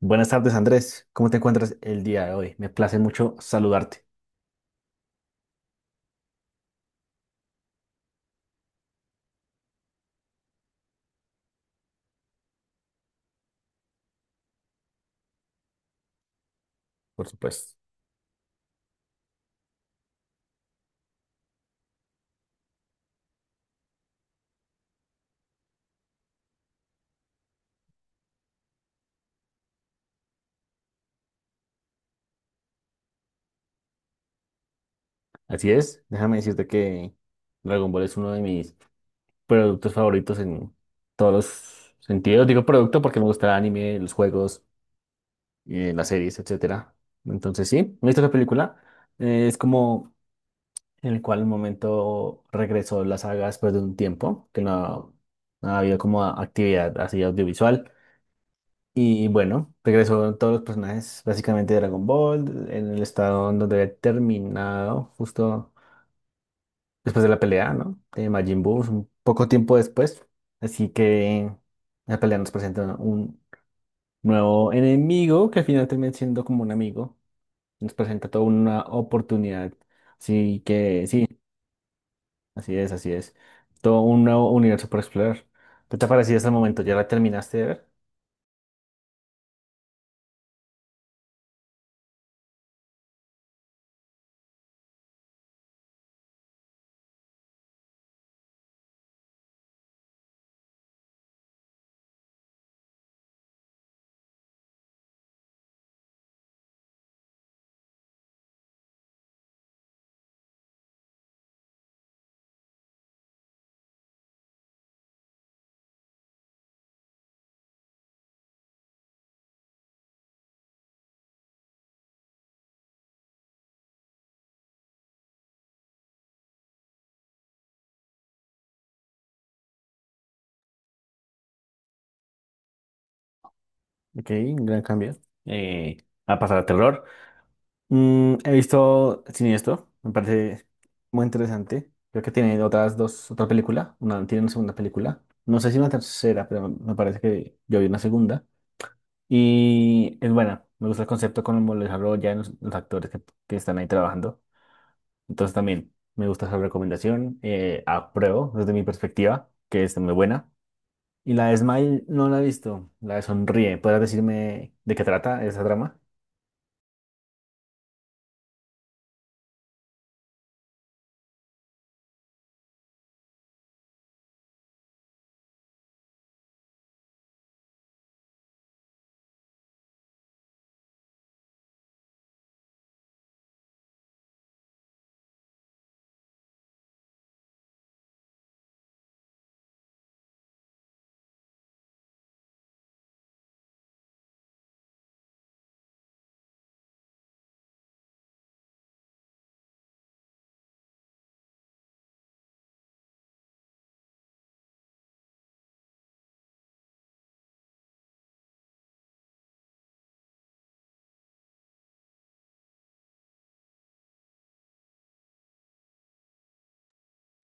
Buenas tardes, Andrés. ¿Cómo te encuentras el día de hoy? Me place mucho saludarte, por supuesto. Así es, déjame decirte que Dragon Ball es uno de mis productos favoritos en todos los sentidos. Digo producto porque me gusta el anime, los juegos, las series, etcétera. Entonces, sí, me visto la película. Es como en el cual un momento regresó la saga después de un tiempo que no ha habido como actividad así audiovisual. Y bueno, regresó todos los personajes básicamente de Dragon Ball en el estado en donde había terminado justo después de la pelea, ¿no? De Majin Buu, un poco tiempo después. Así que la pelea nos presenta un nuevo enemigo que al final termina siendo como un amigo. Nos presenta toda una oportunidad. Así que sí, así es, así es. Todo un nuevo universo por explorar. ¿Qué te ha parecido hasta el momento? ¿Ya la terminaste de ver? Ok, un gran cambio. Eh, a pasar a terror. Mm, he visto Siniestro, me parece muy interesante. Creo que tiene otras dos, otra película, una tiene una segunda película. No sé si una tercera, pero me parece que yo vi una segunda. Y es buena, me gusta el concepto cómo lo desarrollan los actores que están ahí trabajando. Entonces también me gusta esa recomendación, apruebo desde mi perspectiva, que es muy buena. Y la de Smile no la he visto, la de Sonríe. ¿Podrás decirme de qué trata esa trama?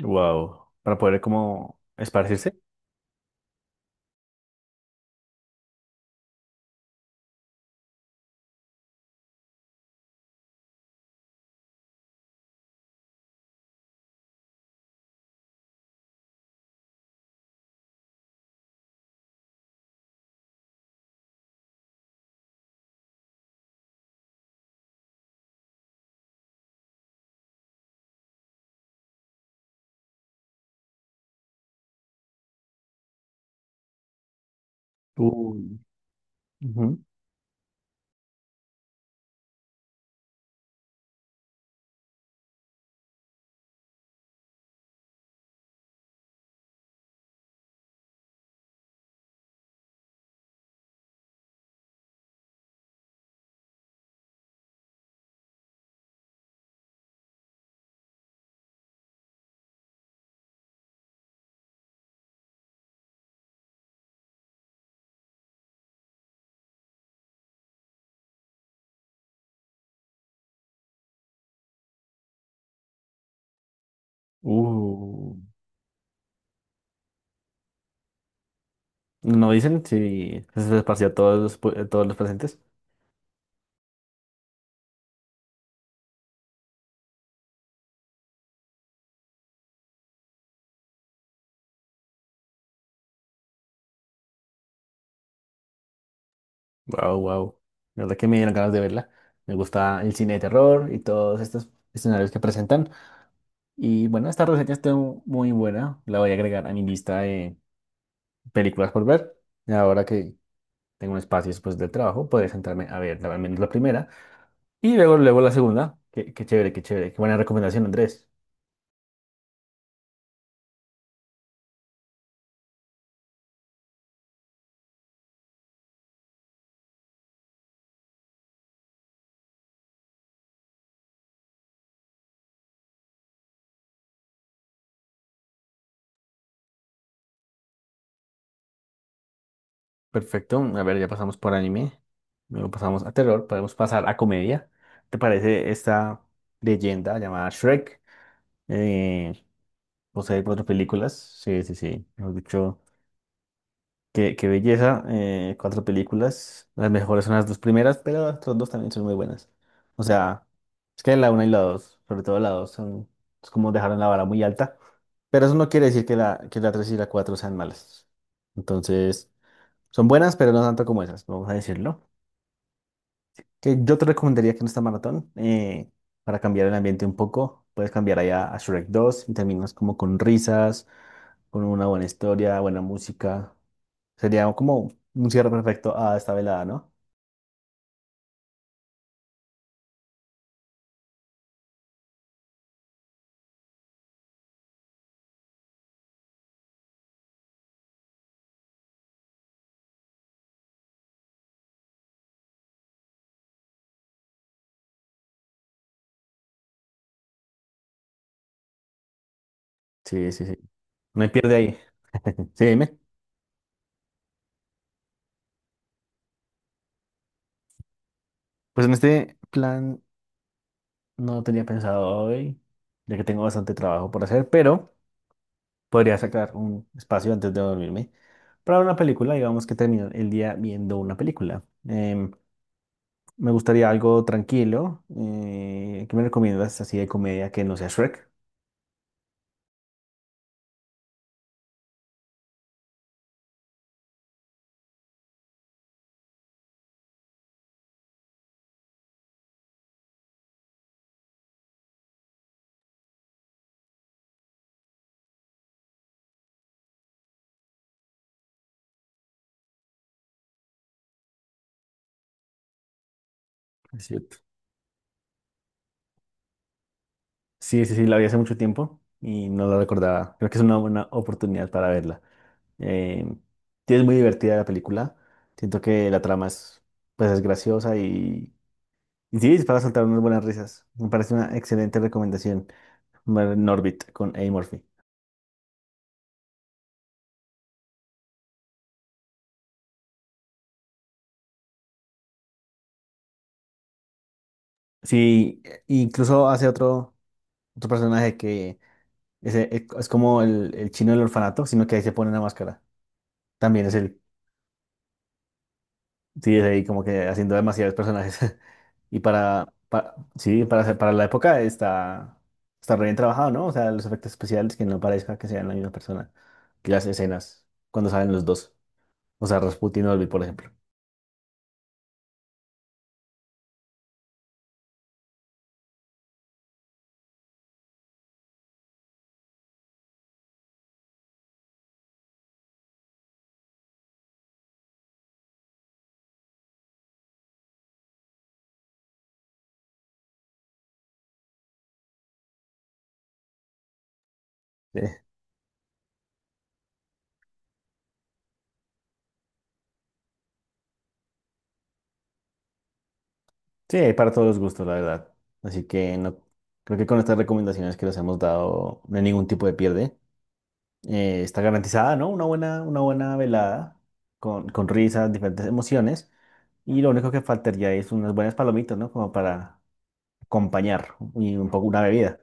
Wow. Para poder como esparcirse. Uy, ujú, uh. No dicen si se esparció a todos los, pu- a todos los presentes. Wow, wow. La verdad que me dieron ganas de verla. Me gusta el cine de terror y todos estos escenarios que presentan. Y bueno, esta reseña está muy buena. La voy a agregar a mi lista de películas por ver. Y ahora que tengo un espacio después del trabajo, podré sentarme a ver la- al menos la primera. Y luego, luego la segunda. Qué, qué chévere, qué chévere. Qué buena recomendación, Andrés. Perfecto. A ver, ya pasamos por anime. Luego pasamos a terror. Podemos pasar a comedia. ¿Te parece esta leyenda llamada Shrek? Eh, Posee cuatro películas. Sí, sí, sí. Hemos dicho, qué, qué belleza. Eh, cuatro películas. Las mejores son las dos primeras, pero las otras dos también son muy buenas. O sea, es que la una y la dos, sobre todo la dos, son, es como dejaron la vara muy alta. Pero eso no quiere decir que que la tres y la cuatro sean malas. Entonces, son buenas, pero no tanto como esas, vamos a decirlo. Que yo te recomendaría que en esta maratón, para cambiar el ambiente un poco, puedes cambiar allá a Shrek dos y terminas como con risas, con una buena historia, buena música. Sería como un cierre perfecto a esta velada, ¿no? Sí, sí, sí. No hay pierde ahí. Sí, dime. Pues en este plan no tenía pensado hoy, ya que tengo bastante trabajo por hacer, pero podría sacar un espacio antes de dormirme para una película, digamos que termino el día viendo una película. Me gustaría algo tranquilo. ¿Qué me recomiendas así de comedia que no sea Shrek? Es cierto. Sí, sí, sí, la vi hace mucho tiempo y no la recordaba. Creo que es una buena oportunidad para verla. Eh, sí, es muy divertida la película. Siento que la trama es, pues, es graciosa y sí, es para soltar unas buenas risas. Me parece una excelente recomendación. Ver Norbit con Eddie Murphy. Sí, e- incluso hace otro, otro personaje que es como el chino del orfanato, sino que ahí se pone una máscara. También es el, sí, es ahí como que haciendo demasiados personajes. Y para, pa- sí, para, hacer- para la época está, está re bien trabajado, ¿no? O sea, los efectos especiales que no parezca que sean la misma persona. Y las escenas, cuando salen los dos. O sea, Rasputin y Olvi, por ejemplo. Sí, sí, hay para todos los gustos, la verdad. Así que no, creo que con estas recomendaciones que les hemos dado no hay ningún tipo de pierde. Eh, está garantizada, ¿no? Una buena velada con risas, diferentes emociones. Y lo único que faltaría es unas buenas palomitas, ¿no? Como para acompañar y un poco una bebida.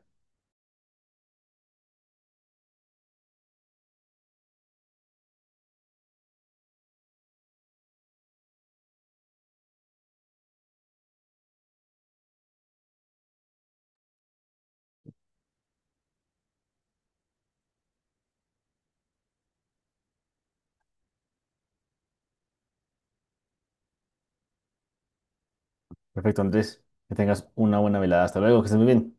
Perfecto, Andrés, que tengas una buena velada. Hasta luego, que estés muy bien.